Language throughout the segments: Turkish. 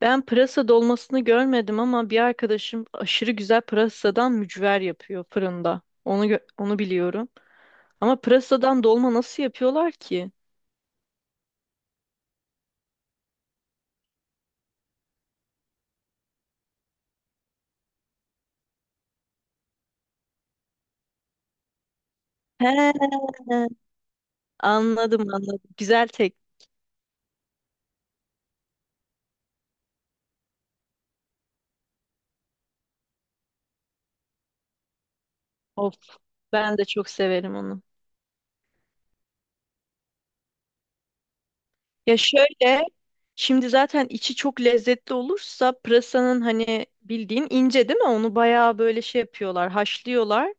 Ben pırasa dolmasını görmedim ama bir arkadaşım aşırı güzel pırasadan mücver yapıyor fırında. Onu biliyorum. Ama pırasadan dolma nasıl yapıyorlar ki? He, anladım anladım. Güzel tek. Of, ben de çok severim onu. Ya şöyle, şimdi zaten içi çok lezzetli olursa pırasanın hani bildiğin ince değil mi? Onu bayağı böyle şey yapıyorlar, haşlıyorlar.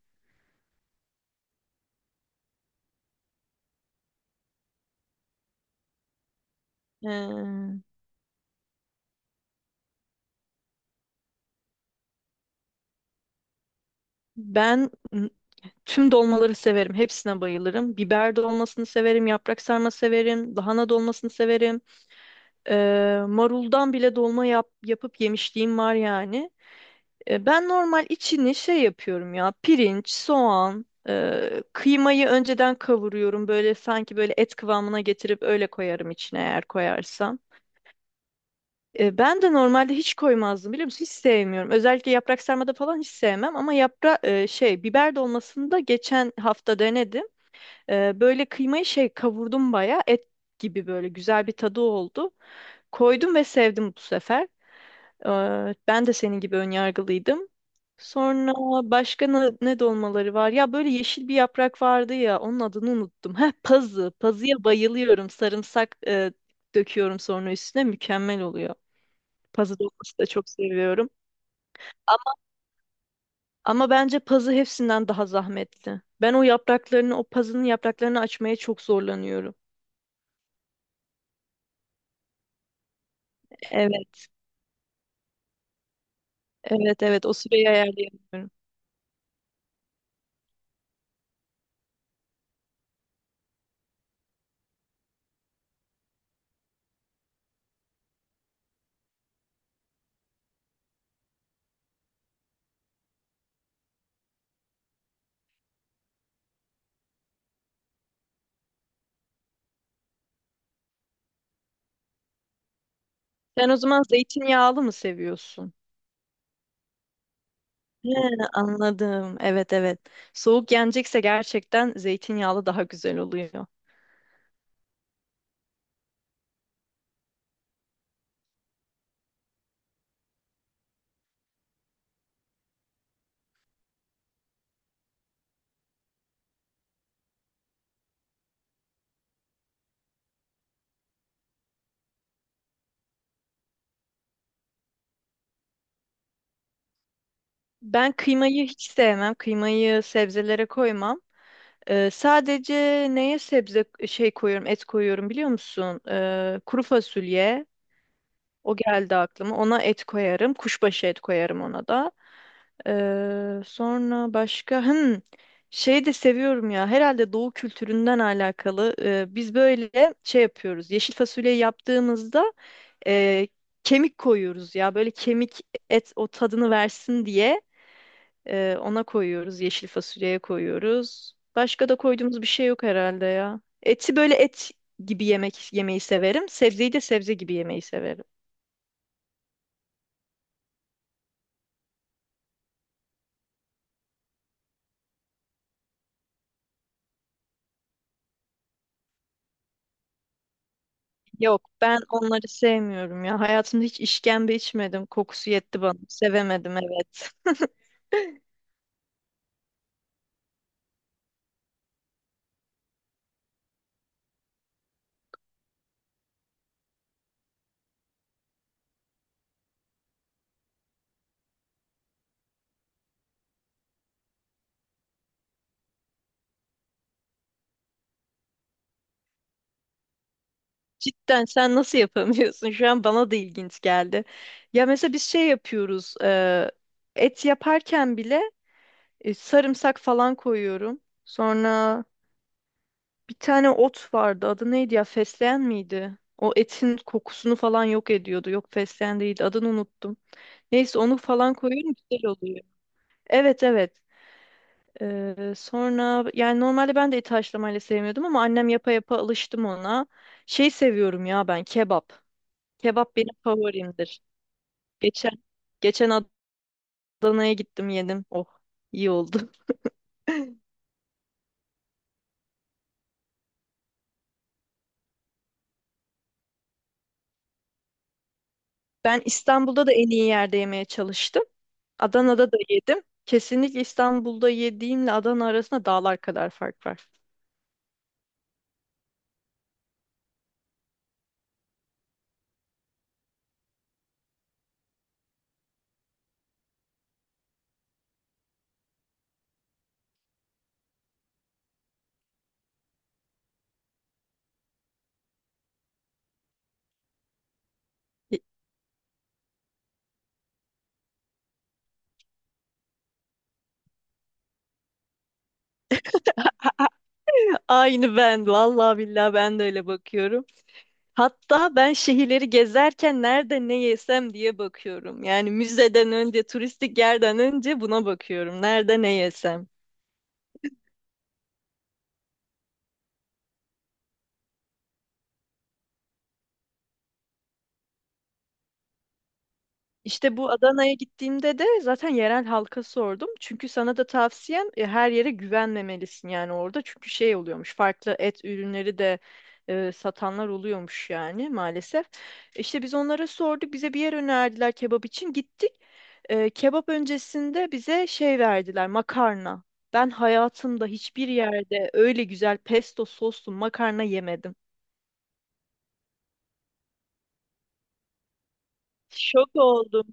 Ee, ben Tüm dolmaları severim. Hepsine bayılırım. Biber dolmasını severim. Yaprak sarma severim. Lahana dolmasını severim. Maruldan bile dolma yapıp yemişliğim var yani. Ben normal içini şey yapıyorum ya. Pirinç, soğan, kıymayı önceden kavuruyorum. Böyle sanki böyle et kıvamına getirip öyle koyarım içine eğer koyarsam. Ben de normalde hiç koymazdım biliyor musun? Hiç sevmiyorum. Özellikle yaprak sarmada falan hiç sevmem ama yapra e, şey biber dolmasını da geçen hafta denedim. Böyle kıymayı şey kavurdum bayağı et gibi böyle güzel bir tadı oldu. Koydum ve sevdim bu sefer. Ben de senin gibi önyargılıydım. Sonra başka ne dolmaları var? Ya böyle yeşil bir yaprak vardı ya onun adını unuttum. Heh pazı. Pazıya bayılıyorum. Sarımsak döküyorum sonra üstüne mükemmel oluyor. Pazı dolması da çok seviyorum. Ama bence pazı hepsinden daha zahmetli. Ben o yapraklarını, o pazının yapraklarını açmaya çok zorlanıyorum. Evet. Evet evet o süreyi ayarlayamıyorum. Sen o zaman zeytinyağlı mı seviyorsun? He, anladım. Evet evet. Soğuk yenecekse gerçekten zeytinyağlı daha güzel oluyor. Ben kıymayı hiç sevmem. Kıymayı sebzelere koymam. Sadece neye sebze şey koyuyorum, et koyuyorum biliyor musun? Kuru fasulye, o geldi aklıma. Ona et koyarım. Kuşbaşı et koyarım ona da. Sonra başka şey de seviyorum ya. Herhalde doğu kültüründen alakalı. Biz böyle şey yapıyoruz. Yeşil fasulyeyi yaptığımızda e, kemik koyuyoruz ya. Böyle kemik et o tadını versin diye ona koyuyoruz. Yeşil fasulyeye koyuyoruz. Başka da koyduğumuz bir şey yok herhalde ya. Eti böyle et gibi yemek yemeyi severim. Sebzeyi de sebze gibi yemeyi severim. Yok ben onları sevmiyorum ya. Hayatımda hiç işkembe içmedim. Kokusu yetti bana. Sevemedim evet. Cidden sen nasıl yapamıyorsun? Şu an bana da ilginç geldi. Ya mesela biz şey yapıyoruz. Et yaparken bile sarımsak falan koyuyorum. Sonra bir tane ot vardı. Adı neydi ya? Fesleğen miydi? O etin kokusunu falan yok ediyordu. Yok fesleğen değildi. Adını unuttum. Neyse onu falan koyuyorum güzel oluyor. Evet evet. Sonra yani normalde ben de eti haşlamayla sevmiyordum ama annem yapa yapa alıştım ona. Şey seviyorum ya ben kebap. Kebap benim favorimdir. Geçen Geçen Adana'ya gittim yedim. Oh iyi oldu. Ben İstanbul'da da en iyi yerde yemeye çalıştım. Adana'da da yedim. Kesinlikle İstanbul'da yediğimle Adana arasında dağlar kadar fark var. Aynı ben. Vallahi billahi ben de öyle bakıyorum. Hatta ben şehirleri gezerken nerede ne yesem diye bakıyorum. Yani müzeden önce, turistik yerden önce buna bakıyorum. Nerede ne yesem. İşte bu Adana'ya gittiğimde de zaten yerel halka sordum. Çünkü sana da tavsiyem her yere güvenmemelisin yani orada. Çünkü şey oluyormuş farklı et ürünleri de satanlar oluyormuş yani maalesef. İşte biz onlara sorduk bize bir yer önerdiler kebap için gittik. Kebap öncesinde bize şey verdiler makarna. Ben hayatımda hiçbir yerde öyle güzel pesto soslu makarna yemedim. Şok oldum.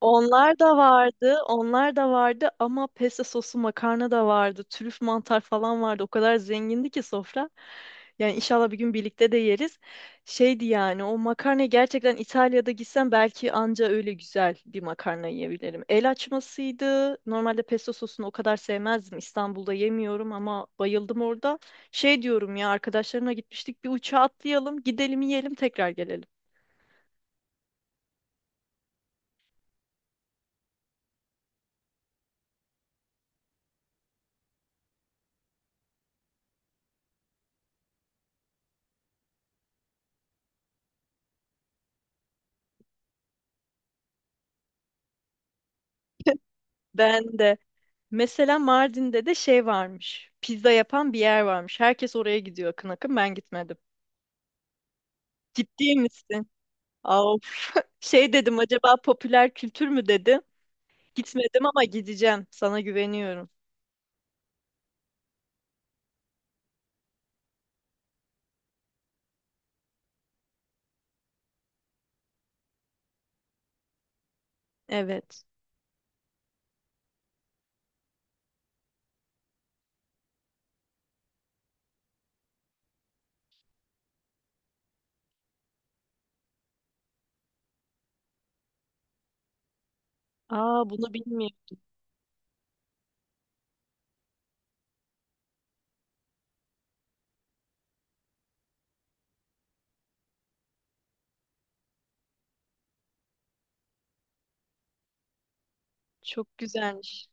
Onlar da vardı, onlar da vardı ama pesto sosu makarna da vardı, trüf mantar falan vardı. O kadar zengindi ki sofra. Yani inşallah bir gün birlikte de yeriz. Şeydi yani o makarna gerçekten İtalya'da gitsem belki anca öyle güzel bir makarna yiyebilirim. El açmasıydı. Normalde pesto sosunu o kadar sevmezdim. İstanbul'da yemiyorum ama bayıldım orada. Şey diyorum ya arkadaşlarımla gitmiştik bir uçağa atlayalım, gidelim yiyelim tekrar gelelim. Ben de. Mesela Mardin'de de şey varmış. Pizza yapan bir yer varmış. Herkes oraya gidiyor akın akın. Ben gitmedim. Ciddi misin? Of. Şey dedim acaba popüler kültür mü dedim. Gitmedim ama gideceğim. Sana güveniyorum. Evet. Aa bunu bilmiyorum. Çok güzelmiş.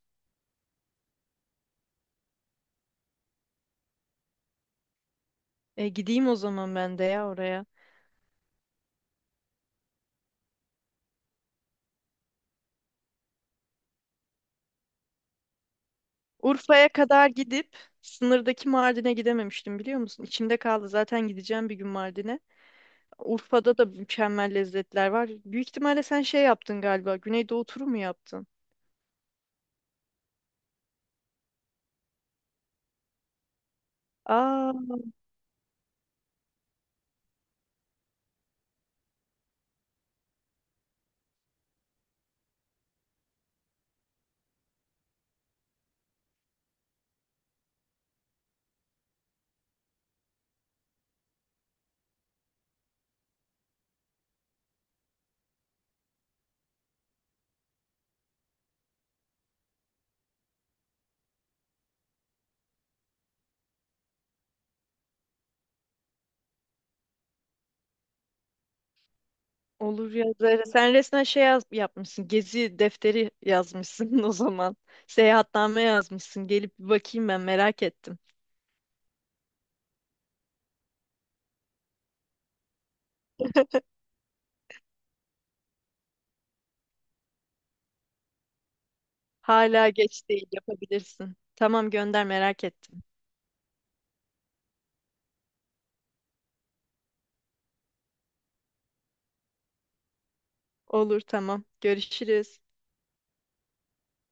E, gideyim o zaman ben de ya oraya. Urfa'ya kadar gidip sınırdaki Mardin'e gidememiştim biliyor musun? İçimde kaldı. Zaten gideceğim bir gün Mardin'e. Urfa'da da mükemmel lezzetler var. Büyük ihtimalle sen şey yaptın galiba. Güneydoğu turu mu yaptın? Aa, olur ya Zehra. Sen resmen yapmışsın. Gezi defteri yazmışsın o zaman. Seyahatname yazmışsın. Gelip bir bakayım ben merak ettim. Hala geç değil yapabilirsin. Tamam gönder merak ettim. Olur tamam. Görüşürüz.